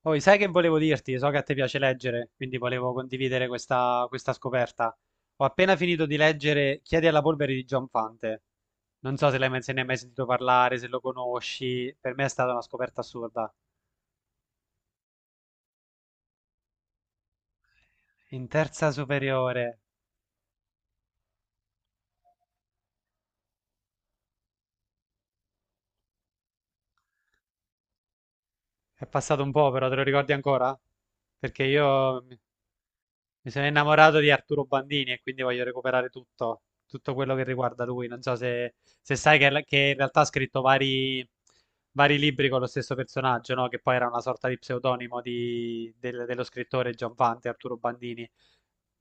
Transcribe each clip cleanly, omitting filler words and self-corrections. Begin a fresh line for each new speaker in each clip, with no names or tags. Poi sai che volevo dirti? So che a te piace leggere, quindi volevo condividere questa scoperta. Ho appena finito di leggere Chiedi alla polvere di John Fante. Non so se l'hai mai- se ne hai mai sentito parlare, se lo conosci. Per me è stata una scoperta assurda. In terza superiore. È passato un po', però te lo ricordi ancora? Perché io Mi sono innamorato di Arturo Bandini e quindi voglio recuperare tutto, quello che riguarda lui. Non so se, se sai che in realtà ha scritto vari libri con lo stesso personaggio, no? Che poi era una sorta di pseudonimo dello scrittore Giovanni Arturo Bandini.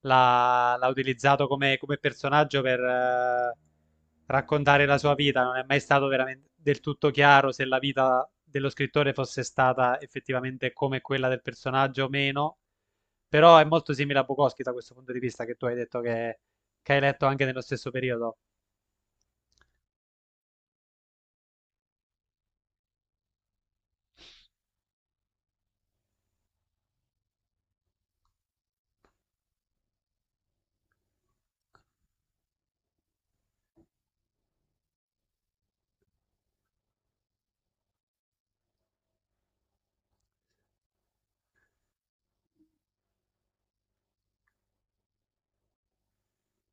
L'ha utilizzato come personaggio per raccontare la sua vita. Non è mai stato veramente del tutto chiaro se la vita dello scrittore fosse stata effettivamente come quella del personaggio o meno, però è molto simile a Bukowski da questo punto di vista, che tu hai detto che hai letto anche nello stesso periodo.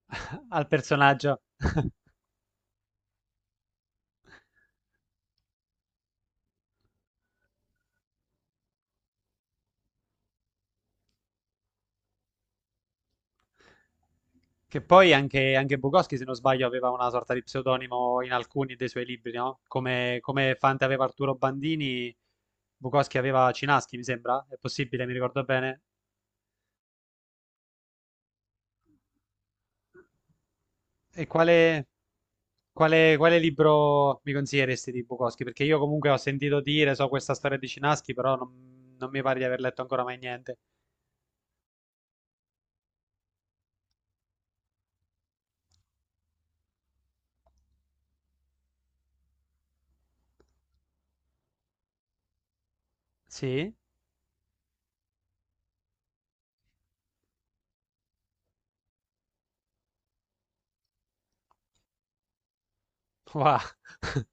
Al personaggio. Che poi anche Bukowski, se non sbaglio, aveva una sorta di pseudonimo in alcuni dei suoi libri, no? Come Fante aveva Arturo Bandini, Bukowski aveva Cinaschi, mi sembra. È possibile, mi ricordo bene. E quale, Quale libro mi consiglieresti di Bukowski? Perché io comunque ho sentito dire, so questa storia di Cinaschi, però non mi pare di aver letto ancora mai niente. Sì? Wow.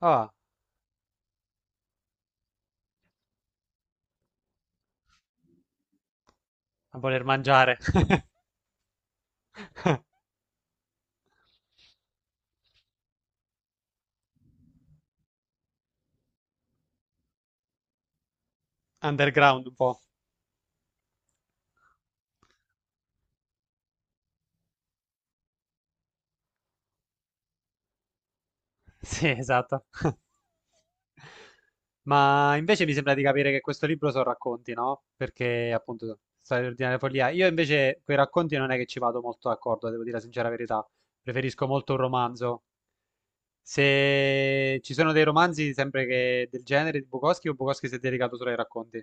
Ah, a voler mangiare. Underground un po'. Sì, esatto. Ma invece mi sembra di capire che questo libro sono racconti, no? Perché appunto storia ordinaria follia. Io invece quei racconti non è che ci vado molto d'accordo, devo dire la sincera verità. Preferisco molto un romanzo. Se ci sono dei romanzi sempre che del genere di Bukowski o Bukowski si è dedicato solo ai racconti?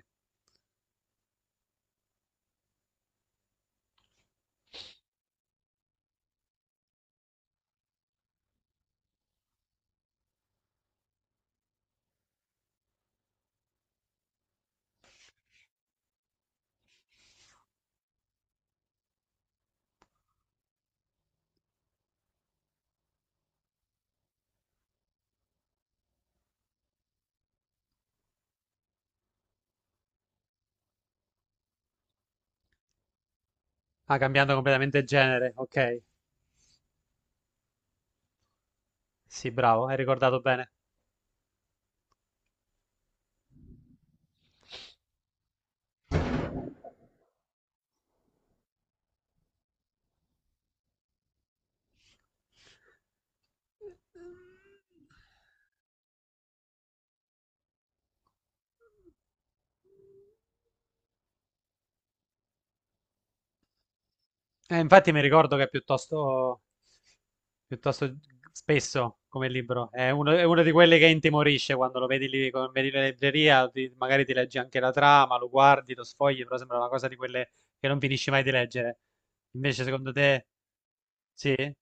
Ah, cambiando completamente il genere, ok. Sì, bravo, hai ricordato bene. Infatti mi ricordo che è piuttosto spesso come libro. È uno di quelli che intimorisce quando lo vedi lì, come vedi in libreria, magari ti leggi anche la trama, lo guardi, lo sfogli, però sembra una cosa di quelle che non finisci mai di leggere. Invece, secondo te, sì? È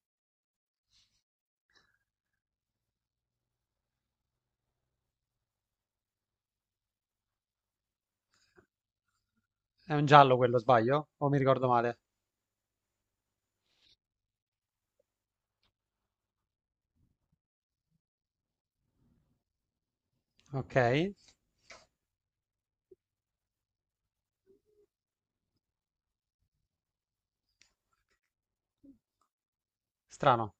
un giallo quello, sbaglio? O mi ricordo male? Ok, strano.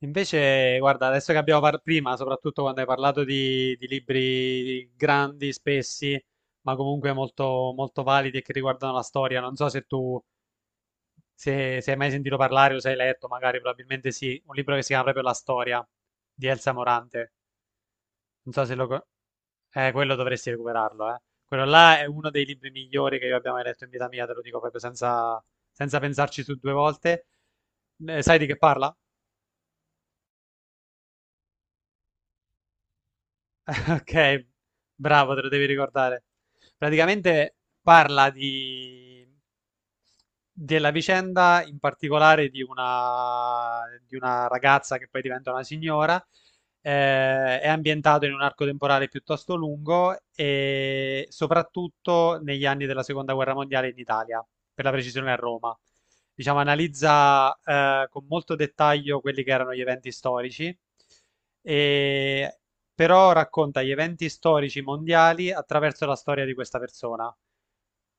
Invece, guarda, adesso che abbiamo parlato prima, soprattutto quando hai parlato di libri grandi, spessi, ma comunque molto validi e che riguardano la storia, non so se tu se hai mai sentito parlare o se hai letto, magari probabilmente sì, un libro che si chiama proprio La storia di Elsa Morante. Non so se lo... co- quello dovresti recuperarlo, eh. Quello là è uno dei libri migliori che io abbia mai letto in vita mia, te lo dico proprio senza pensarci su due volte. Sai di che parla? Ok, bravo, te lo devi ricordare. Praticamente parla di... della vicenda in particolare di una ragazza che poi diventa una signora. Eh, è ambientato in un arco temporale piuttosto lungo e soprattutto negli anni della seconda guerra mondiale in Italia, per la precisione a Roma. Diciamo, analizza con molto dettaglio quelli che erano gli eventi storici. E però racconta gli eventi storici mondiali attraverso la storia di questa persona.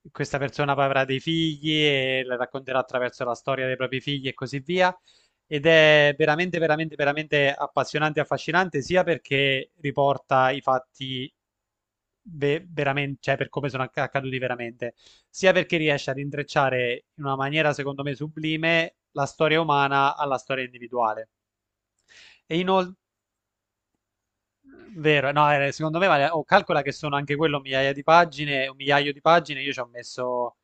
Questa persona poi avrà dei figli e la racconterà attraverso la storia dei propri figli e così via. Ed è veramente appassionante e affascinante, sia perché riporta i fatti veramente, cioè per come sono accaduti veramente, sia perché riesce ad intrecciare in una maniera, secondo me, sublime la storia umana alla storia individuale. E inoltre vero, no, secondo me vale, oh, calcola che sono anche quello migliaia di pagine, un migliaio di pagine, io ci ho messo,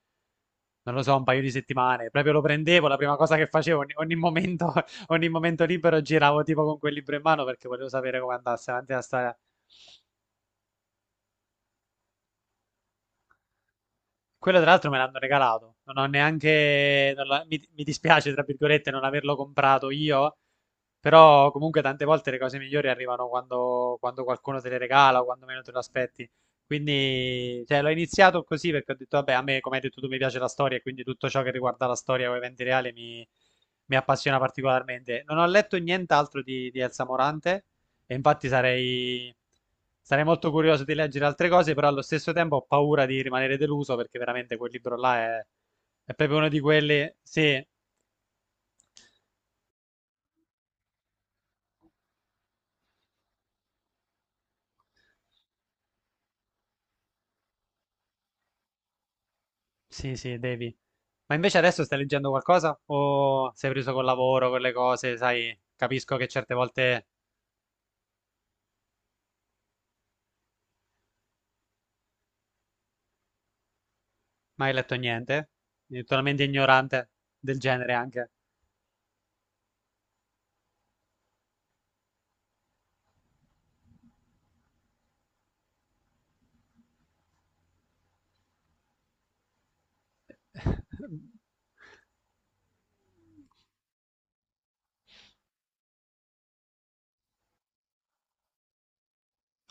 non lo so, un paio di settimane, proprio lo prendevo, la prima cosa che facevo, ogni momento, ogni momento libero giravo tipo con quel libro in mano perché volevo sapere come andasse avanti la storia. Quello tra l'altro me l'hanno regalato, non ho neanche, non l'ho- mi dispiace tra virgolette non averlo comprato io, però comunque tante volte le cose migliori arrivano quando qualcuno te le regala o quando meno te lo aspetti. Quindi cioè, l'ho iniziato così perché ho detto, vabbè, a me come hai detto tu mi piace la storia e quindi tutto ciò che riguarda la storia o eventi reali mi appassiona particolarmente. Non ho letto nient'altro di Elsa Morante, e infatti sarei molto curioso di leggere altre cose, però allo stesso tempo ho paura di rimanere deluso perché veramente quel libro là è proprio uno di quelli... Sì, sì, devi. Ma invece adesso stai leggendo qualcosa? O sei preso col lavoro, con le cose? Sai, capisco che certe volte non hai letto niente. Quindi totalmente ignorante del genere anche.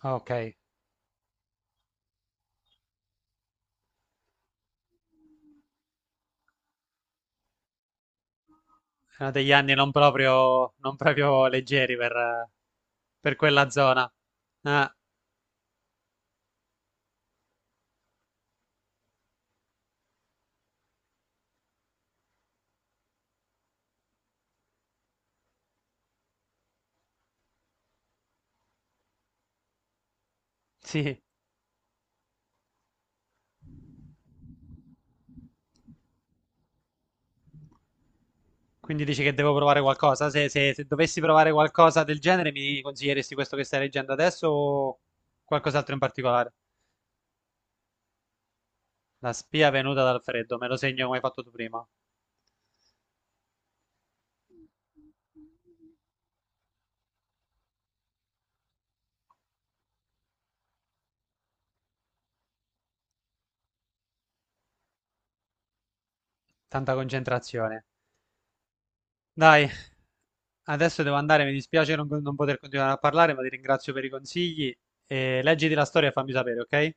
Ok, sono degli anni non proprio, non proprio leggeri per quella zona. Ah, sì. Quindi dici che devo provare qualcosa? Se dovessi provare qualcosa del genere, mi consiglieresti questo che stai leggendo adesso o qualcos'altro in particolare? La spia venuta dal freddo, me lo segno come hai fatto tu prima. Tanta concentrazione. Dai, adesso devo andare, mi dispiace non poter continuare a parlare, ma ti ringrazio per i consigli. E leggiti la storia e fammi sapere, ok?